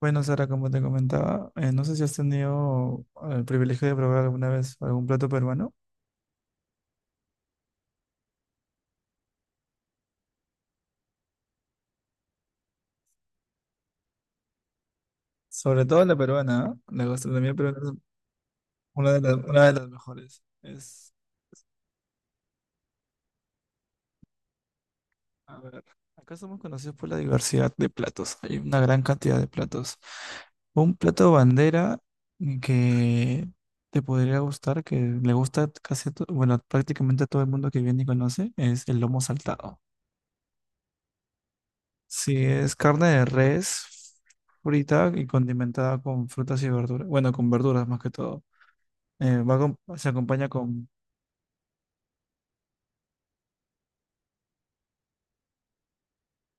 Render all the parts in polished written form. Bueno, Sara, como te comentaba, no sé si has tenido el privilegio de probar alguna vez algún plato peruano, sobre todo la peruana, ¿ah? La gastronomía peruana es una de las mejores. Es, a ver, acá somos conocidos por la diversidad de platos, hay una gran cantidad de platos. Un plato bandera que te podría gustar, que le gusta casi, bueno, prácticamente a todo el mundo que viene y conoce, es el lomo saltado. Sí, es carne de res frita y condimentada con frutas y verduras. Bueno, con verduras más que todo. Se acompaña con...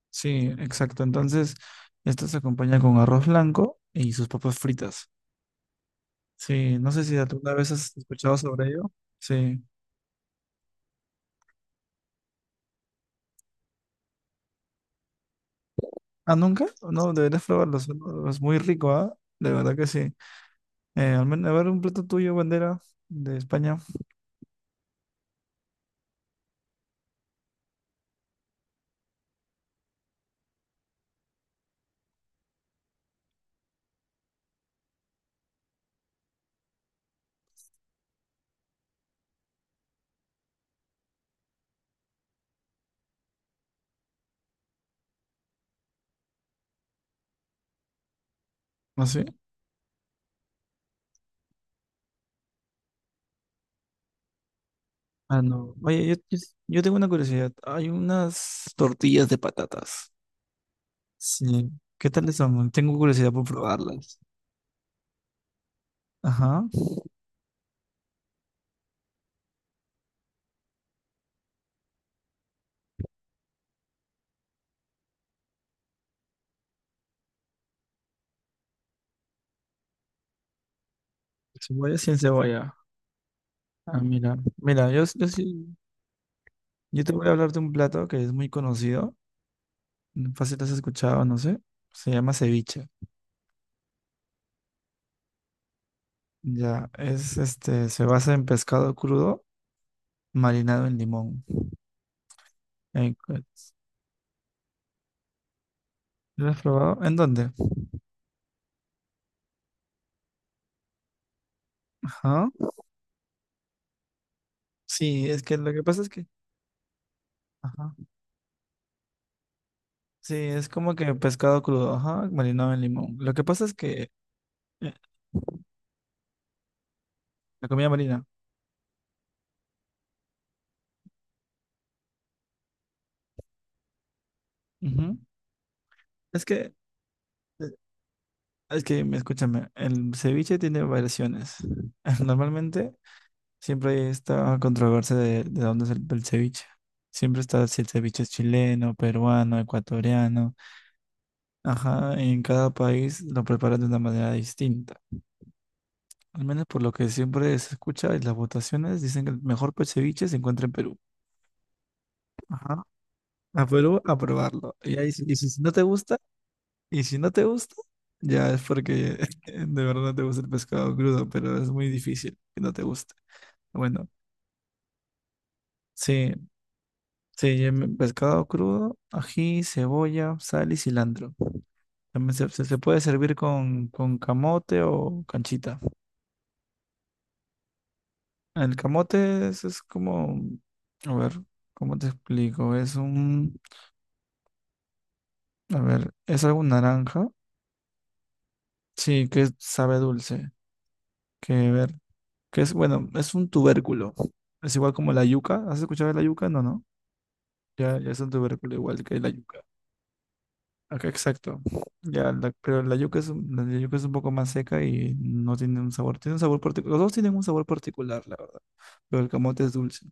Sí, exacto. Entonces, esto se acompaña con arroz blanco y sus papas fritas. Sí, no sé si alguna vez has escuchado sobre ello. Sí. ¿Ah, nunca? No, deberías probarlo. Es muy rico, ¿ah? De verdad que sí. Al menos, a ver, un plato tuyo, bandera de España. ¿Ah, sí? Ah, no. Oye, yo tengo una curiosidad. Hay unas tortillas de patatas. Sí. ¿Qué tal están? Tengo curiosidad por probarlas. Ajá. Cebolla sin cebolla. Ah, mira. Mira, yo sí. Yo te voy a hablar de un plato que es muy conocido. Fácil has escuchado, no sé. Se llama ceviche. Ya, es este, se basa en pescado crudo marinado en limón. Eh, pues, ¿Lo has probado? ¿En dónde? Ajá. Sí, es que lo que pasa es que. Ajá. Sí, es como que pescado crudo, ajá, marinado en limón. Lo que pasa es que eh, la comida marina. Ujú. Es que Es que, escúchame, el ceviche tiene variaciones. Normalmente siempre hay esta controversia de dónde es el ceviche. Siempre está si el ceviche es chileno, peruano, ecuatoriano. Ajá, en cada país lo preparan de una manera distinta. Al menos por lo que siempre se escucha en las votaciones, dicen que el mejor ceviche se encuentra en Perú. Ajá. A Perú a probarlo. Y ahí, y si no te gusta, y si no te gusta, ya es porque de verdad no te gusta el pescado crudo, pero es muy difícil que no te guste. Bueno, sí, sí, pescado crudo, ají, cebolla, sal y cilantro. También se puede servir con camote o canchita. El camote es como, a ver, ¿cómo te explico? Es un, a ver, es algo naranja, sí, que sabe a dulce, que que es, bueno, es un tubérculo. Es igual como la yuca. ¿Has escuchado de la yuca? No, no. Ya, ya es un tubérculo igual que la yuca. Acá exacto. Ya, pero la yuca es, la yuca es un poco más seca y no tiene un sabor. Tiene un sabor particular. Los dos tienen un sabor particular, la verdad. Pero el camote es dulce.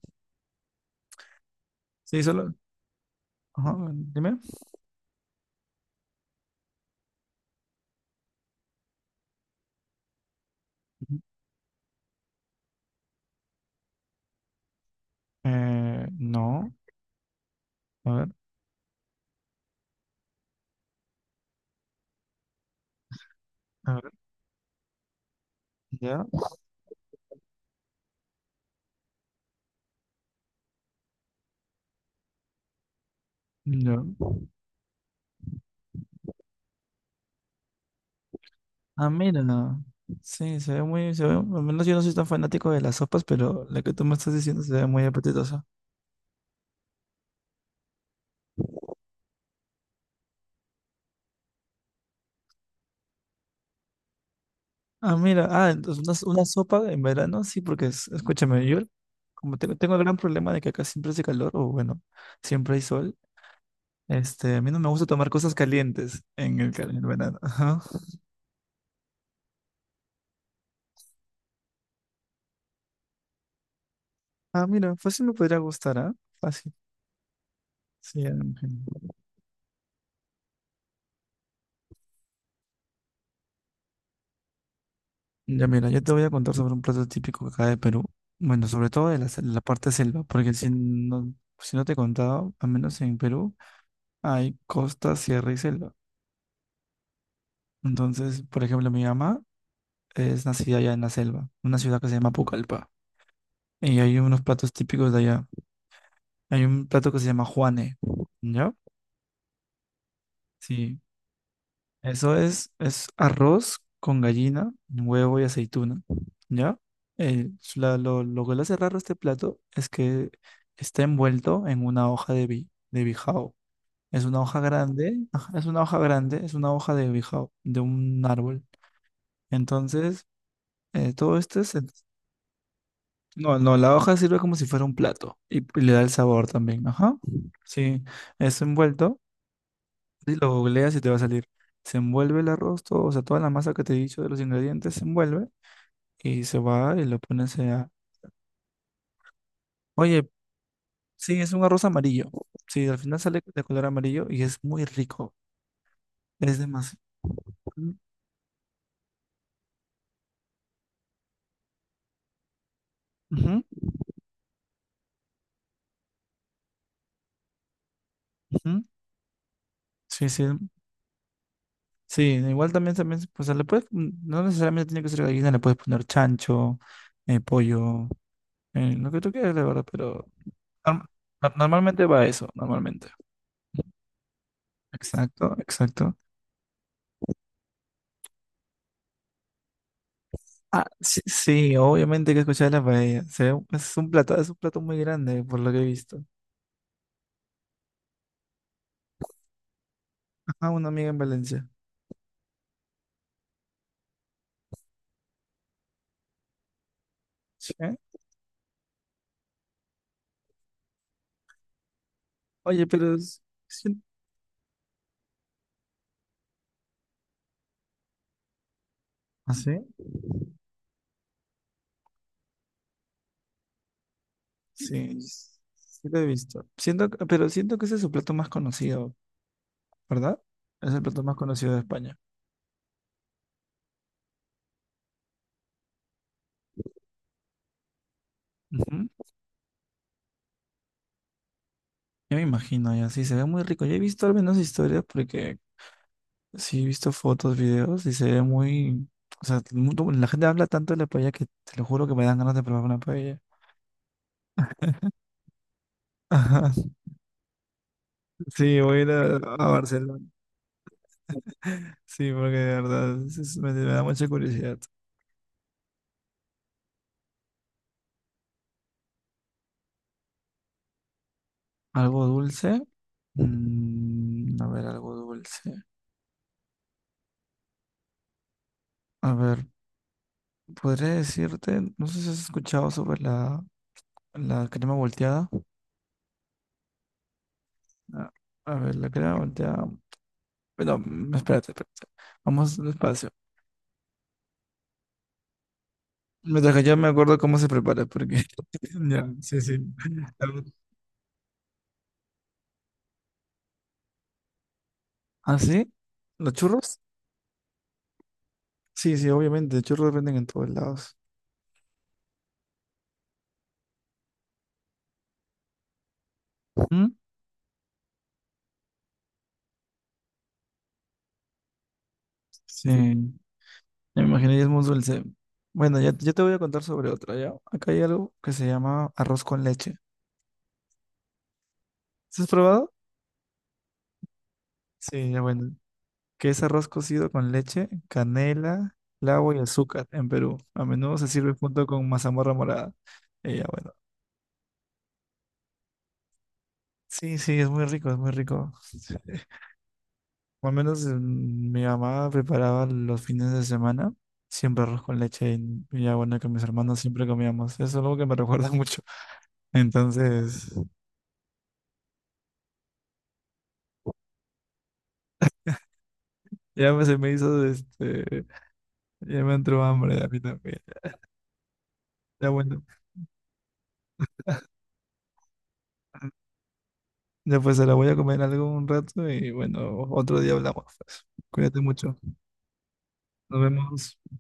Sí, solo. Ajá, dime. Ujú. No. A ver, a ver. Ya. Ya. Ah, mira. No. Sí, se ve muy, se ve, al menos yo no soy tan fanático de las sopas, pero la que tú me estás diciendo se ve muy apetitosa. Ah, mira, ah, entonces una sopa en verano, sí, porque escúchame, yo como tengo el gran problema de que acá siempre hace calor, o bueno, siempre hay sol, este, a mí no me gusta tomar cosas calientes en en el verano. Ajá. Ah, mira, fácil me podría gustar, ¿ah? Fácil. Sí, Ángel. Ya mira, yo te voy a contar sobre un plato típico acá de Perú, bueno, sobre todo de la parte selva, porque si no, si no te he contado, al menos en Perú, hay costa, sierra y selva. Entonces, por ejemplo, mi mamá es nacida allá en la selva, una ciudad que se llama Pucallpa. Y hay unos platos típicos de allá. Hay un plato que se llama Juane, ¿ya? Sí, es arroz con gallina, huevo y aceituna, ¿ya? Lo que lo hace raro este plato es que está envuelto en una hoja de bijao. Es una hoja grande, ajá, es una hoja grande, es una hoja de bijao, de un árbol. Entonces, todo esto es no, no, la hoja sirve como si fuera un plato y le da el sabor también. Ajá. Sí, es envuelto. Y lo googleas y te va a salir. Se envuelve el arroz, todo, o sea, toda la masa que te he dicho de los ingredientes se envuelve y se va y lo pones a... Oye, sí, es un arroz amarillo. Sí, al final sale de color amarillo y es muy rico. Es demasiado. Ujú, ujú. Sí, sí. Sí, igual también, también, pues le puedes, no necesariamente tiene que ser gallina, le puedes poner chancho, pollo, lo que tú quieras, la verdad, pero Norm- Normalmente va eso, normalmente. Exacto, exacto. Ah, sí, sí, obviamente hay que escuchar la paella. Es un plato, es un plato muy grande, por lo que he visto. Ajá, una amiga en Valencia. Sí. Oye, sí- ¿ah, sí? Sí, sí lo he visto. Siento, pero siento que ese es su plato más conocido, ¿verdad? Es el plato más conocido de España. Ujú. Yo me imagino, ya sí, se ve muy rico. Yo he visto al menos historias porque sí, he visto fotos, videos y se ve muy... O sea, la gente habla tanto de la paella que te lo juro que me dan ganas de probar una paella. Ajá. Sí, voy a ir a Barcelona. Sí, porque de verdad me da mucha curiosidad. ¿Algo dulce? Mm, a ver, algo dulce. A ver, podría decirte, no sé si has escuchado sobre la crema volteada. Ah, a ver, la crema volteada. Pero, espérate. Vamos despacio. Mientras que yo me acuerdo cómo se prepara, porque... Ya, sí, sí. ¿Ah, sí? ¿Los churros? Sí, sí, obviamente. Churros venden en todos lados. ¿Mm? Sí, me imaginé, y es muy dulce. Bueno, ya, yo te voy a contar sobre otra, ¿ya? Acá hay algo que se llama arroz con leche. ¿Sí? ¿Has probado? Sí, ya bueno. Que es arroz cocido con leche, canela, clavo y azúcar en Perú. A menudo se sirve junto con mazamorra morada. Y ya bueno. Sí, sí, es muy rico, es muy rico. Al menos mi mamá preparaba los fines de semana siempre arroz con leche y ya bueno, que mis hermanos siempre comíamos. Eso es algo que me recuerda mucho. Entonces, se me hizo, este, ya me entró hambre a mí también. Ya bueno, ya pues se la voy a comer algo un rato y bueno, otro día hablamos, pues. Cuídate mucho. Nos vemos.